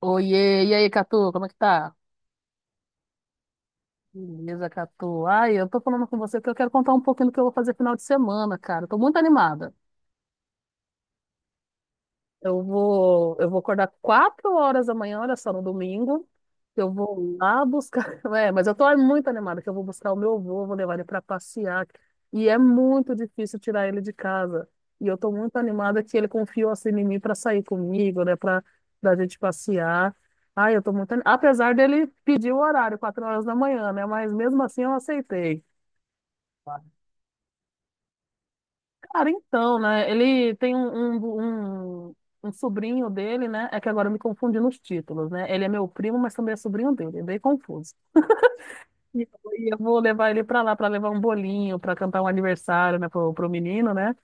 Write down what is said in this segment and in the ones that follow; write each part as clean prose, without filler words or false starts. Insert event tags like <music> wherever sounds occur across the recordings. Oiê, e aí, Catu, como é que tá? Beleza, Catu. Ai, eu tô falando com você porque eu quero contar um pouquinho do que eu vou fazer final de semana, cara. Eu tô muito animada. Eu vou acordar 4 horas da manhã, olha só, no domingo, que eu vou lá buscar. <laughs> É, mas eu tô muito animada que eu vou buscar o meu avô, vou levar ele para passear. E é muito difícil tirar ele de casa. E eu tô muito animada que ele confiou assim em mim para sair comigo, né, para da gente passear. Ai, eu tô muito animada. Apesar dele pedir o horário, 4 horas da manhã, né, mas mesmo assim eu aceitei. Cara, então, né, ele tem um sobrinho dele, né, é que agora eu me confundi nos títulos, né, ele é meu primo, mas também é sobrinho dele, é bem confuso. E eu vou levar ele pra lá pra levar um bolinho, pra cantar um aniversário, né, pro menino, né?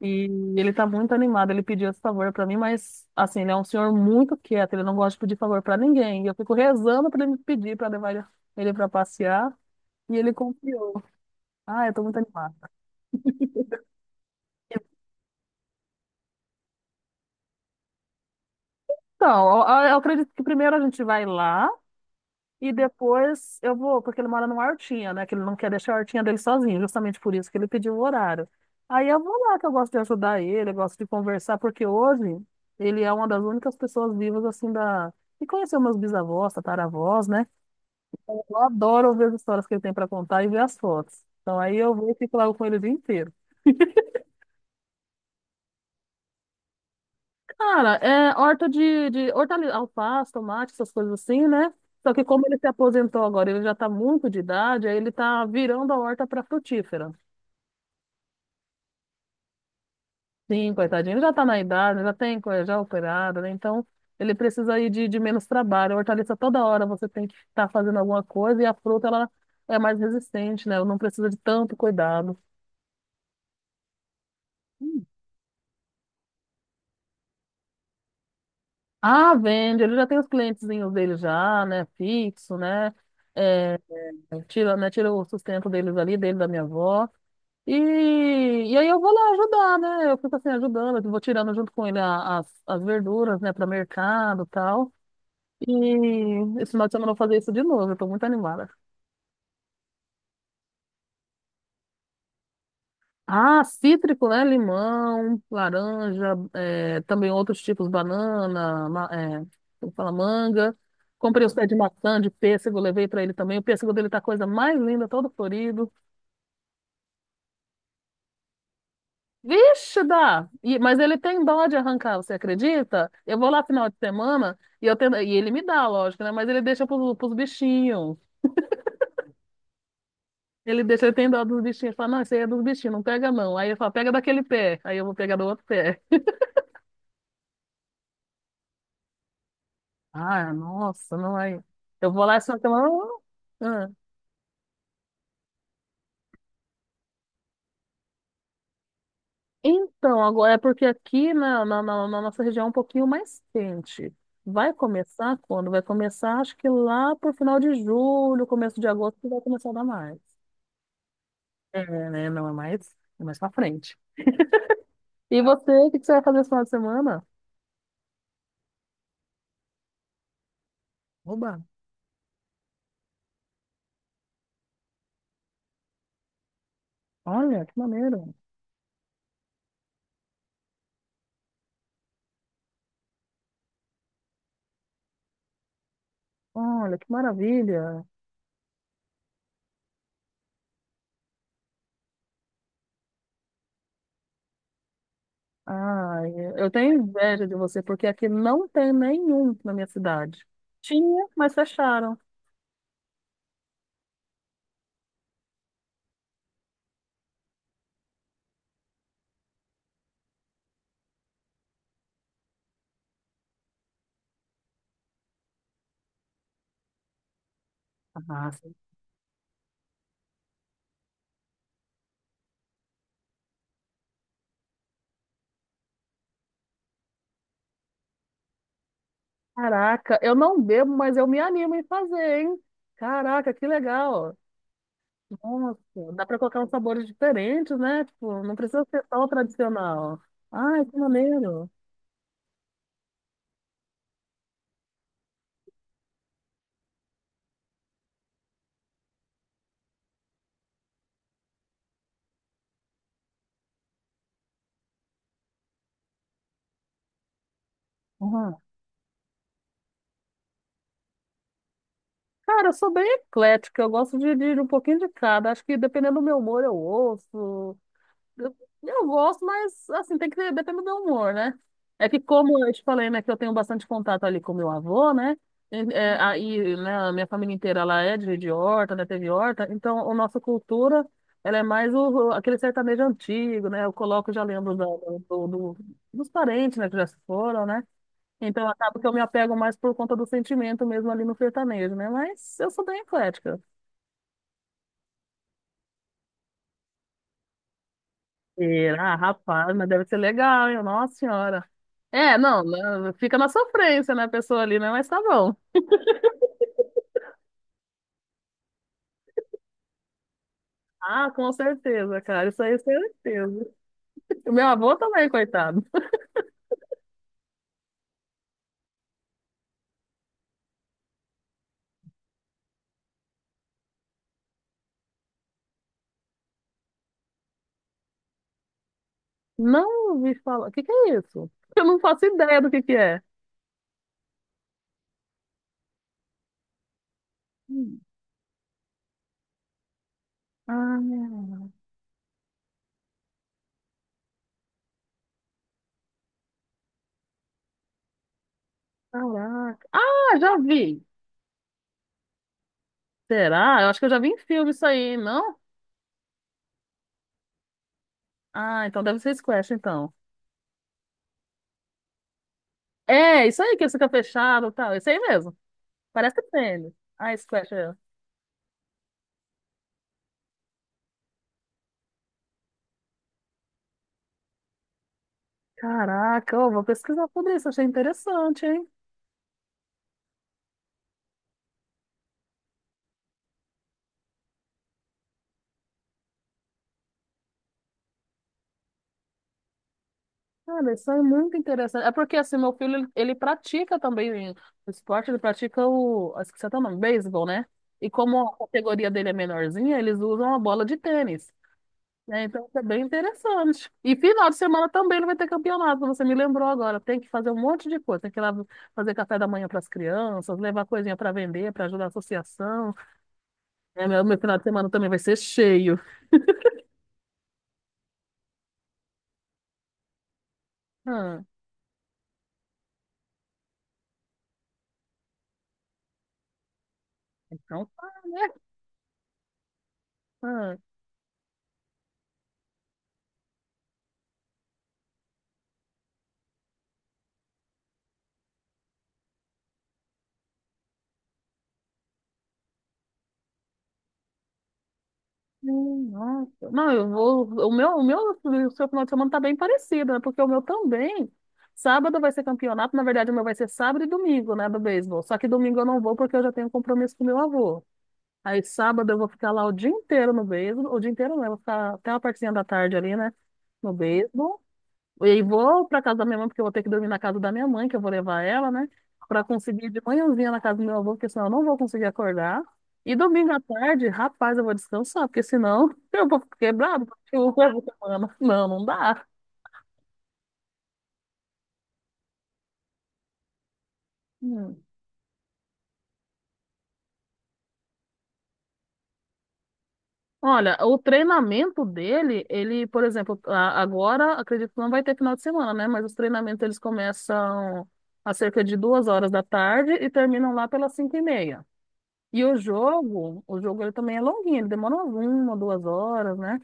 E ele tá muito animado. Ele pediu esse favor pra mim, mas assim, ele é um senhor muito quieto, ele não gosta de pedir favor pra ninguém. E eu fico rezando pra ele me pedir pra levar ele pra passear, e ele confiou. Ah, eu tô muito animada. Então, eu acredito que primeiro a gente vai lá. E depois eu vou, porque ele mora numa hortinha, né? Que ele não quer deixar a hortinha dele sozinho, justamente por isso que ele pediu o horário. Aí eu vou lá, que eu gosto de ajudar ele, eu gosto de conversar, porque hoje ele é uma das únicas pessoas vivas, assim, que conheceu meus bisavós, tataravós, né? Eu adoro ver as histórias que ele tem para contar e ver as fotos. Então aí eu vou e fico lá com ele o dia inteiro. Cara, é horta de hortaliça, alface, tomate, essas coisas assim, né? Só que como ele se aposentou agora, ele já tá muito de idade, aí ele tá virando a horta para frutífera. Sim, coitadinho, ele já está na idade, já tem coisa já operada, né? Então ele precisa aí de menos trabalho. A hortaliça toda hora você tem que estar fazendo alguma coisa e a fruta ela é mais resistente, né? Ela não precisa de tanto cuidado. Hum. Ah, vende, ele já tem os clientezinhos dele já, né? Fixo, né? É, tira, né? Tira o sustento deles ali, dele da minha avó. E aí eu vou lá ajudar, né? Eu fico assim ajudando, eu vou tirando junto com ele as verduras, né, para mercado e tal. E esse final de semana eu vou fazer isso de novo, eu tô muito animada. Ah, cítrico, né? Limão, laranja, é, também outros tipos, banana, é, como fala, manga. Comprei os pés de maçã, de pêssego, levei pra ele também. O pêssego dele tá a coisa mais linda, todo florido. Vixe, dá! Mas ele tem dó de arrancar, você acredita? Eu vou lá final de semana e, e ele me dá, lógico, né? Mas ele deixa pros bichinhos. Ele deixa, ele tem dó dos bichinhos. Ele fala, não, isso aí é dos bichinhos, não pega não. Aí ele fala, pega daquele pé. Aí eu vou pegar do outro pé. Ah, nossa, não aí. Eu vou lá e só que ah. Então, agora é porque aqui na nossa região é um pouquinho mais quente. Vai começar quando? Vai começar, acho que lá pro final de julho, começo de agosto, que vai começar a dar mais. É, né? Não é mais, é mais pra frente. E você, o que que você vai fazer esse final de semana? Oba! Olha, que maneiro! Olha, que maravilha! Ah, eu tenho inveja de você, porque aqui não tem nenhum na minha cidade. Tinha, mas fecharam. Ah, sim. Caraca, eu não bebo, mas eu me animo em fazer, hein? Caraca, que legal. Nossa, dá pra colocar uns sabores diferentes, né? Tipo, não precisa ser só o tradicional. Ai, que maneiro. Uhum. Cara, eu sou bem eclética, eu gosto de um pouquinho de cada. Acho que dependendo do meu humor, eu ouço. Eu, eu gosto, mas assim, depende do humor, né? É que como eu te falei, né, que eu tenho bastante contato ali com meu avô, né? Uhum. Aí, né, a minha família inteira, ela é de horta, né, teve horta, então a nossa cultura, ela é mais aquele sertanejo antigo, né? Eu coloco, já lembro dos parentes, né, que já se foram, né? Então acaba que eu me apego mais por conta do sentimento mesmo ali no sertanejo, né? Mas eu sou bem eclética. Será? Rapaz, mas deve ser legal, hein? Nossa Senhora. É, não, não, fica na sofrência, né, a pessoa ali, né? Mas tá bom. Ah, com certeza, cara, isso aí é certeza. O meu avô também, coitado. Não ouvi falar. O que que é isso? Eu não faço ideia do que é. Hum. Ah, caraca. Ah, já vi. Será? Eu acho que eu já vi em filme isso aí, não? Ah, então deve ser squash, então. É, isso aí que fica fechado e tal. Isso aí mesmo. Parece tênis. Ah, squash. É. Caraca, eu vou pesquisar sobre isso, achei interessante, hein? Cara, isso é muito interessante. É porque, assim, meu filho, ele pratica também o esporte, ele pratica o, acho que você tá nome, beisebol, né? E como a categoria dele é menorzinha, eles usam a bola de tênis, né? Então, isso é bem interessante. E final de semana também ele vai ter campeonato, você me lembrou agora. Tem que fazer um monte de coisa, tem que ir lá fazer café da manhã para as crianças, levar coisinha para vender, para ajudar a associação. Né? Meu final de semana também vai ser cheio. Ah, então tá, né? Ah. Nossa. Não, eu vou. O seu final de semana tá bem parecido, né? Porque o meu também. Sábado vai ser campeonato, na verdade, o meu vai ser sábado e domingo, né, do beisebol. Só que domingo eu não vou porque eu já tenho um compromisso com meu avô. Aí sábado eu vou ficar lá o dia inteiro no beisebol, o dia inteiro não, eu vou ficar até uma partezinha da tarde ali, né, no beisebol. E vou pra casa da minha mãe, porque eu vou ter que dormir na casa da minha mãe, que eu vou levar ela, né? Pra conseguir ir de manhãzinha na casa do meu avô, porque senão eu não vou conseguir acordar. E domingo à tarde, rapaz, eu vou descansar, porque senão <laughs> eu vou ficar quebrado porque eu levo semana. Não, não dá. Hum. Olha, o treinamento dele, ele, por exemplo, agora acredito que não vai ter final de semana, né? Mas os treinamentos eles começam a cerca de 2 horas da tarde e terminam lá pelas 5h30. E o jogo ele também é longuinho, ele demora umas uma, 2 horas, né?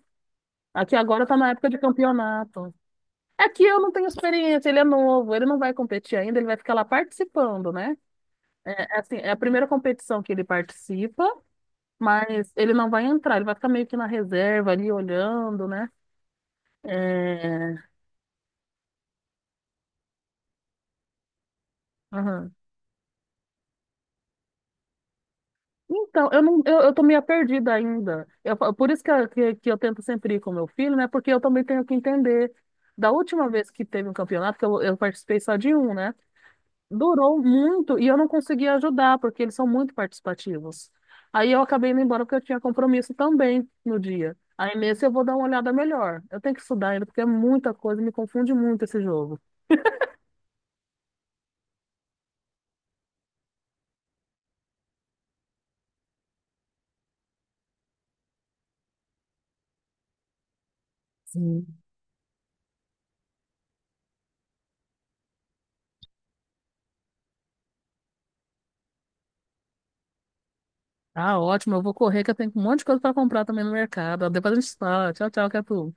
Aqui agora tá na época de campeonato. É que eu não tenho experiência, ele é novo, ele não vai competir ainda, ele vai ficar lá participando, né? É, é assim, é a primeira competição que ele participa, mas ele não vai entrar, ele vai ficar meio que na reserva ali olhando, né? É... aham. Então, eu não, eu tô meio perdida ainda. Por isso que, que eu tento sempre ir com meu filho, né? Porque eu também tenho que entender. Da última vez que teve um campeonato, que eu participei só de um, né? Durou muito e eu não conseguia ajudar, porque eles são muito participativos. Aí eu acabei indo embora porque eu tinha compromisso também no dia. Aí nesse eu vou dar uma olhada melhor. Eu tenho que estudar ainda, porque é muita coisa, me confunde muito esse jogo. Sim. Tá ótimo, eu vou correr, que eu tenho um monte de coisa para comprar também no mercado. Depois a gente fala. Tchau, tchau, Catu.